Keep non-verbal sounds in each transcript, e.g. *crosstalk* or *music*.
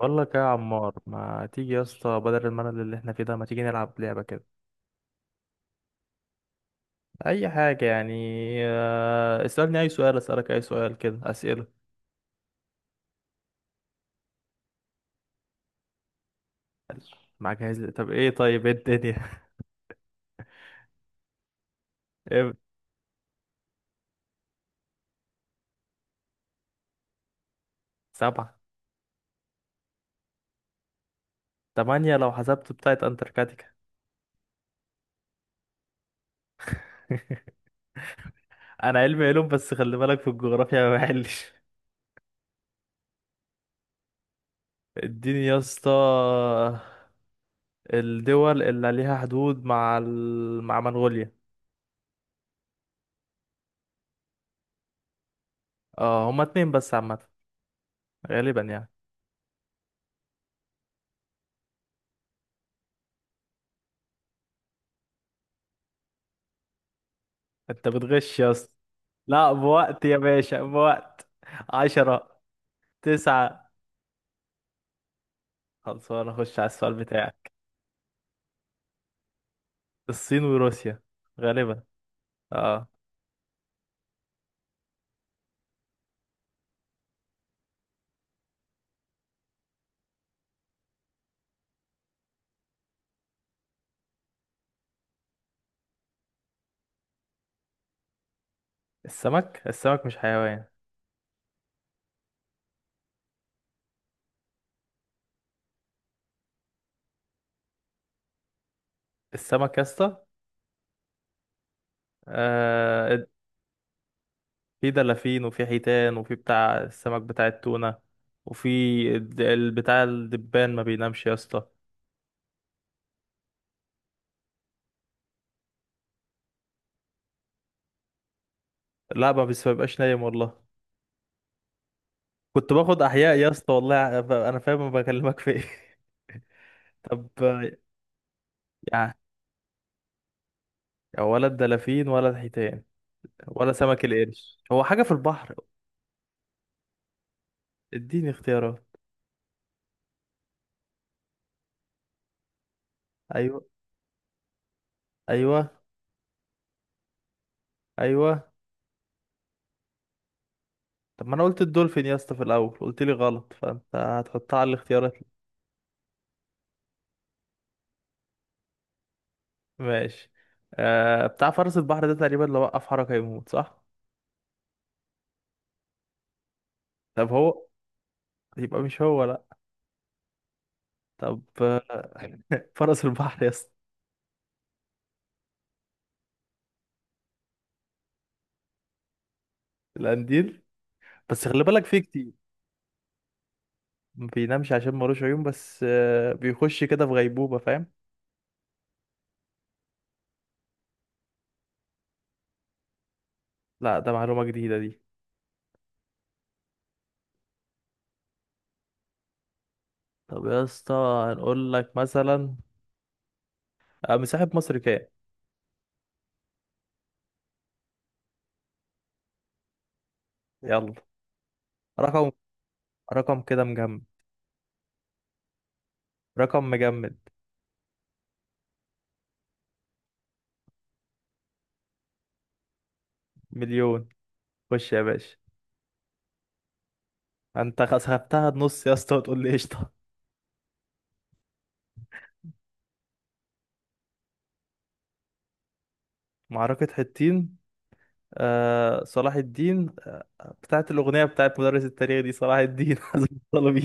بقول لك إيه يا عمار، ما تيجي يا اسطى؟ بدل الملل اللي احنا فيه ده، ما تيجي نلعب لعبة كده. اي حاجة يعني. اسألني اي سؤال، اسألك اي سؤال، كده اسئلة. معاك جاهز لي. طب ايه؟ طيب ايه الدنيا؟ *laughs* إيه؟ 7. 8 لو حسبت بتاعت انتاركتيكا. انا علمي علوم، بس خلي بالك في الجغرافيا ما بحلش. اديني يا اسطى. الدول اللي ليها حدود مع مع منغوليا. اه، هما اتنين بس عامة. غالبا يعني. انت بتغش يا اسطى. لا بوقت يا باشا، بوقت. 10. 9. خلصانة، اخش على السؤال بتاعك. الصين وروسيا. غالبا. اه. السمك. السمك مش حيوان. السمك يا اسطى. آه. في دلافين وفي حيتان وفي بتاع السمك بتاع التونة. وفي بتاع الدبان ما بينامش يا اسطى. لا ما بيبقاش نايم والله. كنت باخد احياء يا اسطى والله، انا فاهم، أنا فاهم بكلمك في ايه. *laughs* طب. يعني ولا الدلافين ولا الحيتان ولا سمك القرش؟ هو حاجة في البحر. اديني اختيارات. ايوه. ايوه. ايوه. طب ما انا قلت الدولفين يا اسطى في الاول، قلت لي غلط، فانت هتحطها على الاختيارات. ماشي. آه، بتاع فرس البحر ده تقريبا لو وقف حركة يموت، صح؟ طب هو يبقى مش هو، لا. طب. *laughs* فرس البحر يا اسطى. القنديل. بس خلي بالك، فيه كتير. ما بينامش عشان ملوش عيون، بس آه بيخش كده في غيبوبة، فاهم. لا، ده معلومة جديدة دي. طب يا اسطى، هنقول لك مثلا مساحة مصر كام؟ يلا. رقم. كده مجمد. رقم مجمد. مليون. خش يا باشا. انت خسفتها النص يا اسطى وتقول لي قشطة. معركة حطين. آه صلاح الدين، آه بتاعت الأغنية بتاعت مدرس التاريخ دي، صلاح الدين *laughs* حسن الطلبي.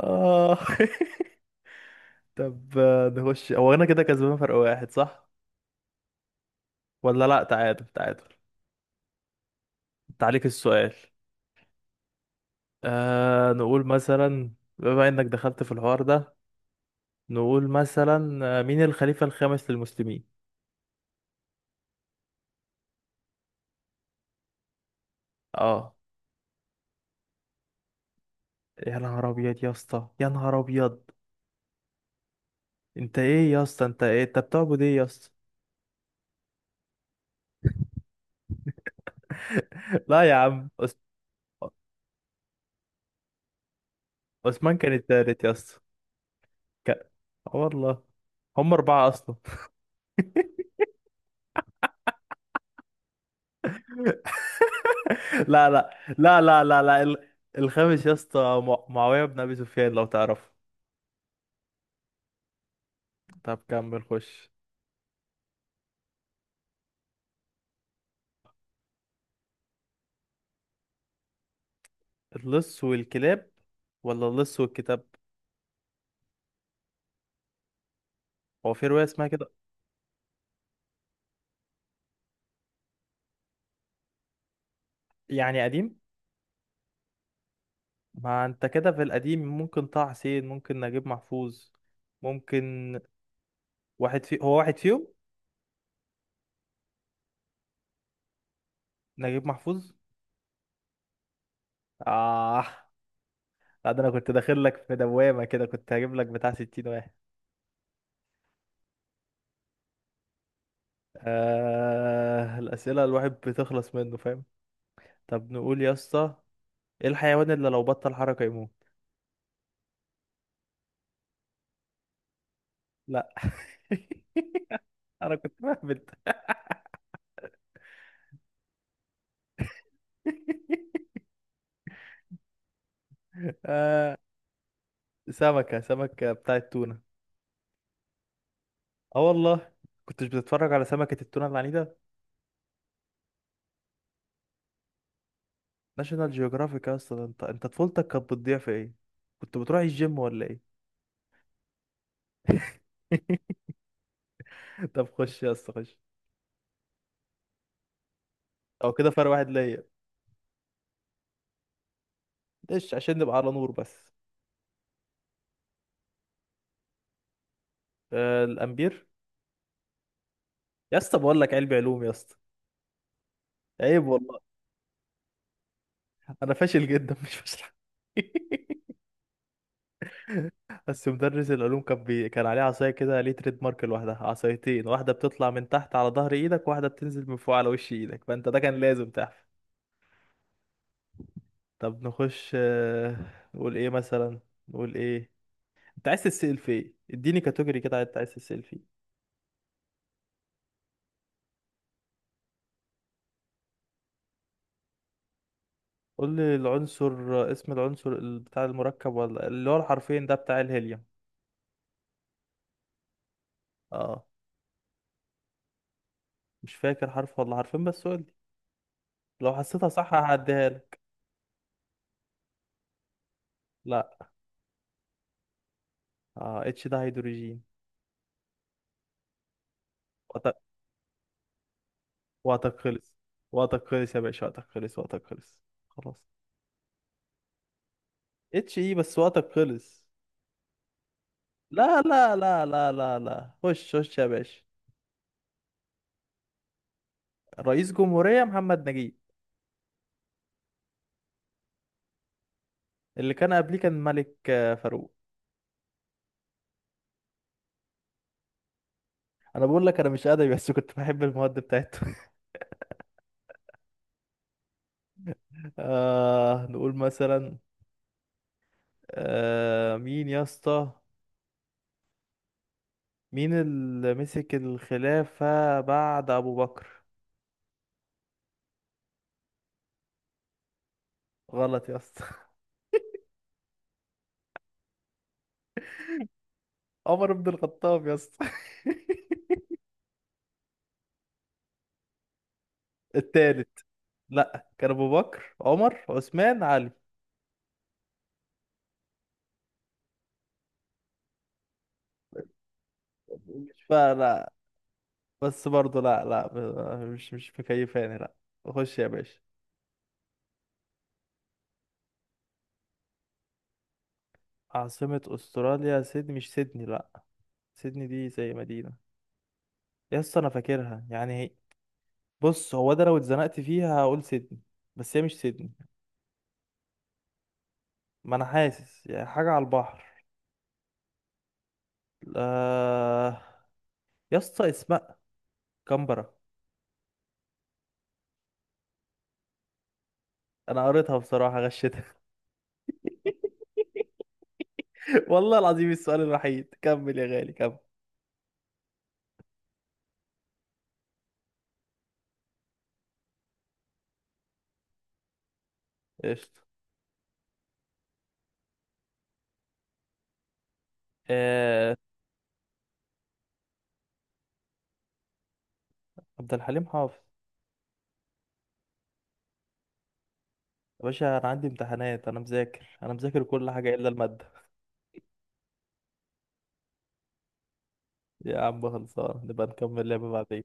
اه. *laughs* طب نخش. هو انا كده كسبان فرق واحد، صح؟ ولا لا، تعادل، تعادل. انت عليك السؤال. آه نقول مثلا، بما انك دخلت في الحوار ده، نقول مثلا مين الخليفة الخامس للمسلمين؟ اه. يا نهار ابيض يا اسطى، يا نهار ابيض. انت ايه يا اسطى؟ انت ايه؟ انت بتعبد ايه يا اسطى؟ *laughs* لا يا عم، عثمان كان التالت يا اسطى. ك- آه والله. هم 4 اصلا. *laughs* لا لا لا لا لا لا، الخامس يا اسطى، معاوية بن ابي سفيان لو تعرفه. طب كمل، خش. اللص والكلاب، ولا اللص والكتاب؟ هو في رواية اسمها كده. يعني قديم؟ ما انت كده في القديم ممكن طه حسين، ممكن نجيب محفوظ، ممكن. واحد في، هو واحد فيهم. نجيب محفوظ. اه. لا ده انا كنت داخل لك في دوامة كده، كنت هجيب لك بتاع 60 واحد. الأسئلة الواحد بتخلص منه، فاهم. طب نقول يا اسطى، ايه الحيوان اللي لو بطل حركة يموت؟ لا. *laughs* انا كنت مهبل. *laughs* آه... سمكة، سمكة بتاعت تونة. اه والله. كنتش بتتفرج على سمكة التونة العنيدة؟ ناشونال جيوغرافيك يا اسطى، ده انت، انت طفولتك كانت بتضيع في ايه؟ كنت بتروح الجيم ولا ايه؟ *laughs* طب خش يا اسطى، خش. او كده فرق واحد ليا. ليش؟ عشان نبقى على نور بس. آه الامبير. يا اسطى، بقول لك علمي علوم يا اسطى، عيب والله. انا فاشل جدا، مش فاشل. *laughs* بس مدرس العلوم كان كان عليه عصايه كده ليه تريد مارك لوحدها، عصايتين، واحده بتطلع من تحت على ظهر ايدك، واحده بتنزل من فوق على وش ايدك، فانت ده كان لازم تحفظ. طب نخش. نقول ايه مثلا؟ نقول ايه؟ انت عايز تتسأل في ايه؟ اديني كاتيجوري كده انت عايز تتسأل فيه. قول لي العنصر، اسم العنصر، بتاع المركب ولا اللي هو الحرفين ده بتاع الهيليوم. اه. مش فاكر حرف ولا حرفين، بس قول لي، لو حسيتها صح هعديها لك. لا. اه، اتش ده هيدروجين. وقت- وقتك خلص. وقتك خلص يا باشا، وقتك خلص، وقتك خلص. خلاص. اتش ايه، بس وقتك خلص. لا لا لا لا لا لا، خش خش يا باشا. رئيس جمهورية محمد نجيب. اللي كان قبليه كان ملك فاروق. انا بقول لك انا مش ادبي، بس كنت بحب المواد بتاعته. *laughs* آه نقول مثلا، آه مين يا اسطى، مين اللي مسك الخلافة بعد ابو بكر؟ غلط يا اسطى. *laughs* عمر بن الخطاب يا اسطى. *laughs* التالت. لا، كان ابو بكر، عمر، عثمان، علي. مش بقى لا. بس برضه لا لا، مش مكيفاني، لا. خش يا باشا. عاصمة استراليا سيدني. مش سيدني، لا. سيدني دي زي مدينة، يا اسطى انا فاكرها يعني. بص، هو ده لو اتزنقت فيها هقول سيدني، بس هي مش سيدني. ما انا حاسس يعني حاجه على البحر. آه... يا اسطى اسمها كامبرا. انا قريتها بصراحه، غشتها. *laughs* والله العظيم السؤال الوحيد. كمل يا غالي، كمل. قشطه. آه... عبد الحليم حافظ. يا باشا انا عندي امتحانات، انا مذاكر، انا مذاكر كل حاجه الا الماده. يا عم خلصان، نبقى نكمل لعبه بعدين.